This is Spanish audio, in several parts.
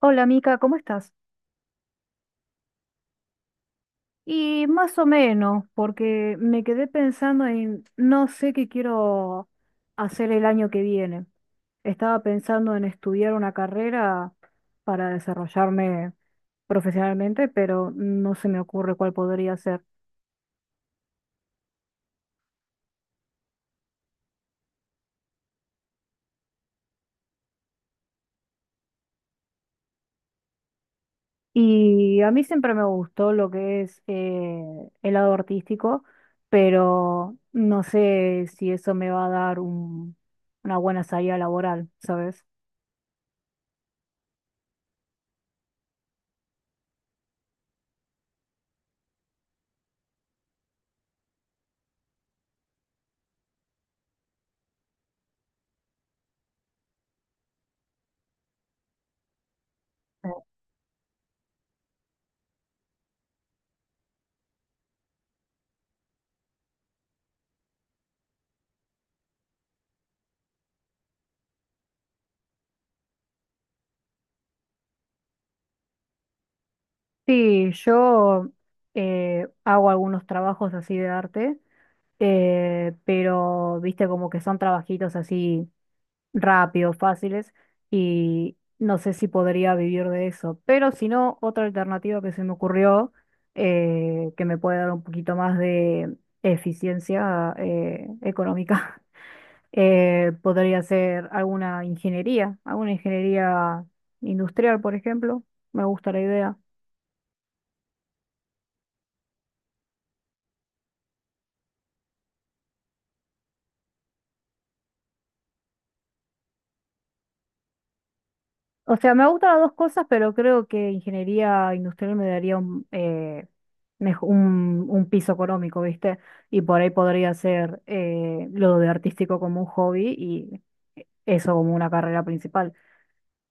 Hola Mica, ¿cómo estás? Y más o menos, porque me quedé pensando en no sé qué quiero hacer el año que viene. Estaba pensando en estudiar una carrera para desarrollarme profesionalmente, pero no se me ocurre cuál podría ser. Y a mí siempre me gustó lo que es el lado artístico, pero no sé si eso me va a dar una buena salida laboral, ¿sabes? Sí, yo hago algunos trabajos así de arte, pero viste como que son trabajitos así rápidos, fáciles, y no sé si podría vivir de eso. Pero si no, otra alternativa que se me ocurrió, que me puede dar un poquito más de eficiencia económica, podría ser alguna ingeniería industrial, por ejemplo. Me gusta la idea. O sea, me gustan las dos cosas, pero creo que ingeniería industrial me daría un piso económico, ¿viste? Y por ahí podría hacer lo de artístico como un hobby y eso como una carrera principal.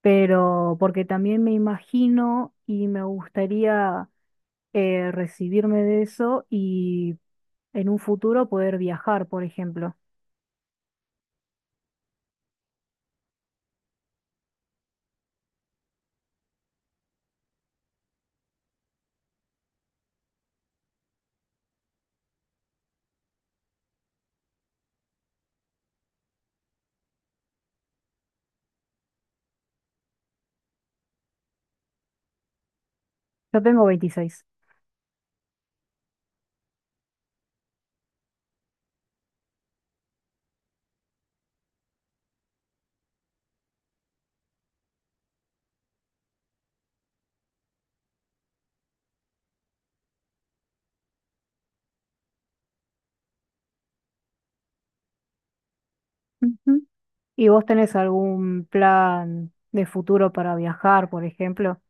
Pero porque también me imagino y me gustaría recibirme de eso y en un futuro poder viajar, por ejemplo. Yo tengo 26. ¿Y vos tenés algún plan de futuro para viajar, por ejemplo?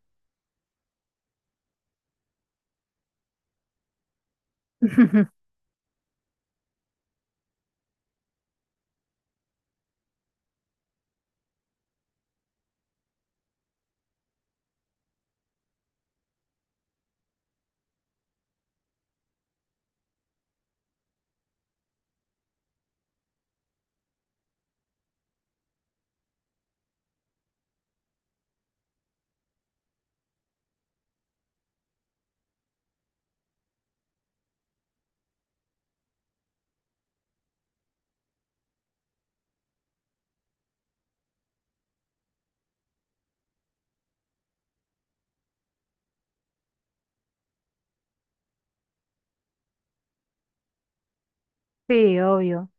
Sí, obvio.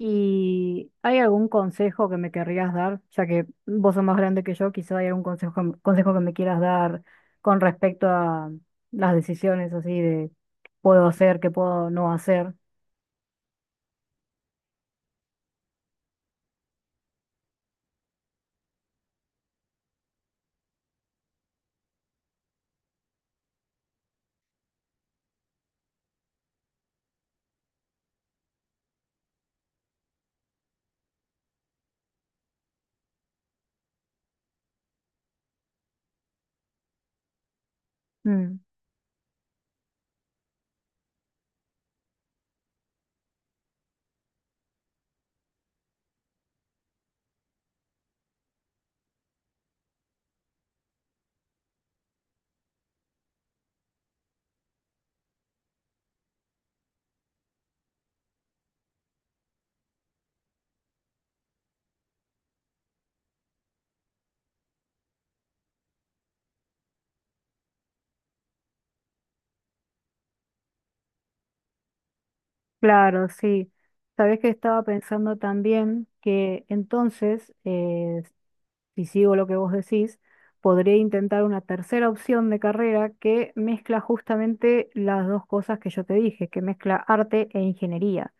¿Y hay algún consejo que me querrías dar? Ya que vos sos más grande que yo, quizá hay algún consejo, consejo que me quieras dar con respecto a las decisiones así de puedo hacer, qué puedo no hacer. Mm, claro, sí. Sabés que estaba pensando también que entonces, si sigo lo que vos decís, podría intentar una tercera opción de carrera que mezcla justamente las dos cosas que yo te dije, que mezcla arte e ingeniería.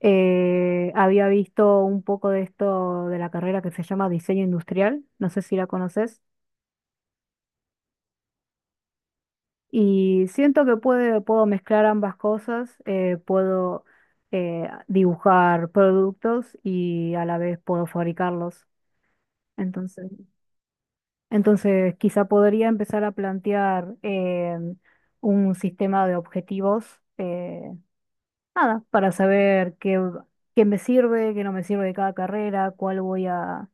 Había visto un poco de esto de la carrera que se llama diseño industrial, no sé si la conoces, y siento que puedo mezclar ambas cosas, puedo dibujar productos y a la vez puedo fabricarlos. Entonces... Entonces, quizá podría empezar a plantear un sistema de objetivos, nada, para saber qué, qué me sirve, qué no me sirve de cada carrera, cuál voy a,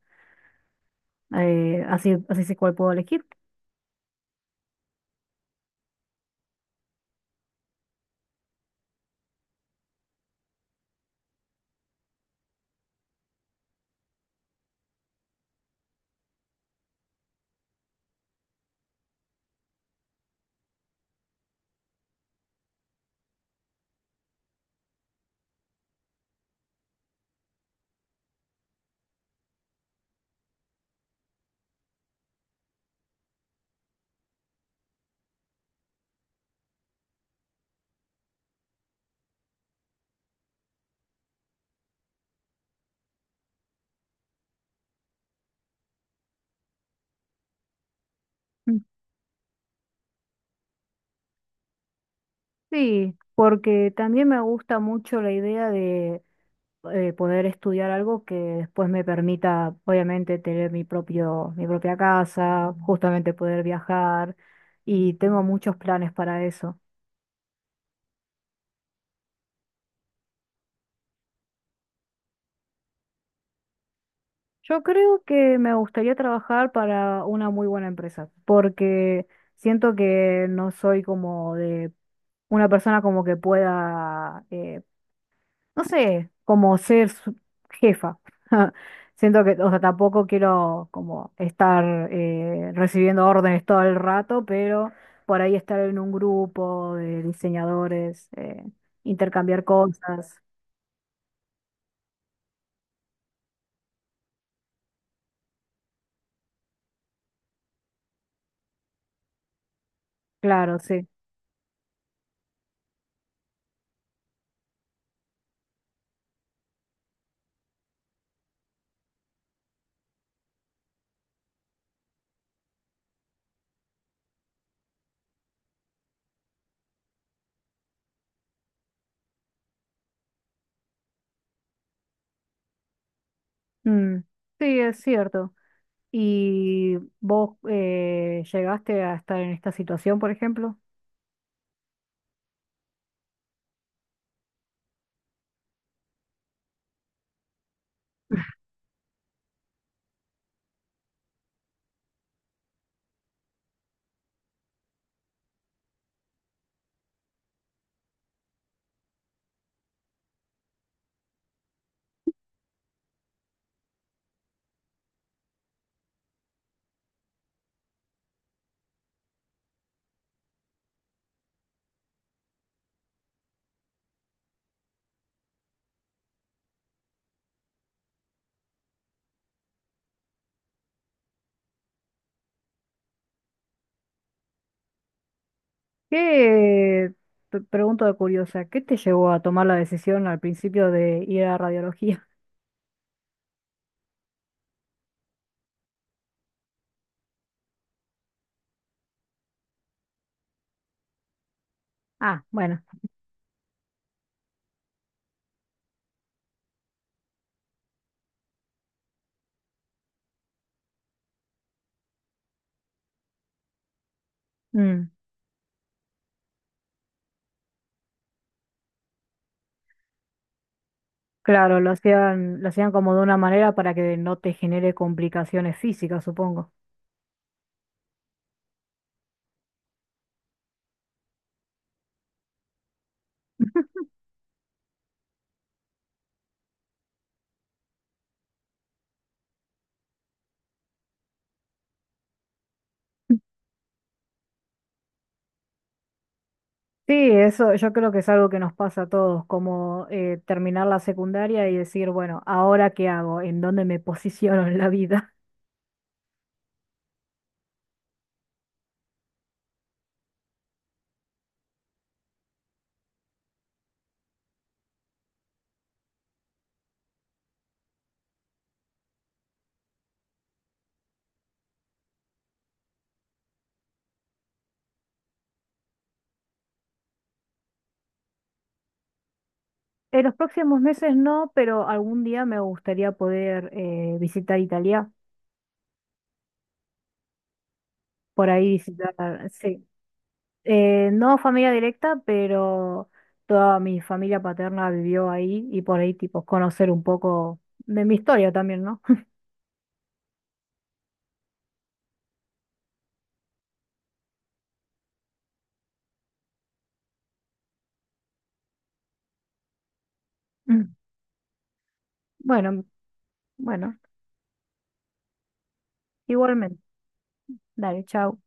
eh, así, así sé cuál puedo elegir. Mm. Sí, porque también me gusta mucho la idea de poder estudiar algo que después me permita, obviamente, tener mi propia casa, justamente poder viajar, y tengo muchos planes para eso. Yo creo que me gustaría trabajar para una muy buena empresa, porque siento que no soy como de una persona como que pueda, no sé, como ser jefa. Siento que, o sea, tampoco quiero como estar recibiendo órdenes todo el rato, pero por ahí estar en un grupo de diseñadores, intercambiar cosas. Claro, sí. Mm, sí, es cierto. Y vos llegaste a estar en esta situación, por ejemplo. ¿Qué, te pregunto de curiosa, qué te llevó a tomar la decisión al principio de ir a radiología? Ah, bueno, mm, claro, lo hacían como de una manera para que no te genere complicaciones físicas, supongo. Sí, eso yo creo que es algo que nos pasa a todos, como terminar la secundaria y decir, bueno, ¿ahora qué hago? ¿En dónde me posiciono en la vida? En los próximos meses no, pero algún día me gustaría poder visitar Italia, por ahí visitar, sí. No familia directa, pero toda mi familia paterna vivió ahí y por ahí tipo conocer un poco de mi historia también, ¿no? Mm. Bueno, bueno, igualmente. Dale, chao.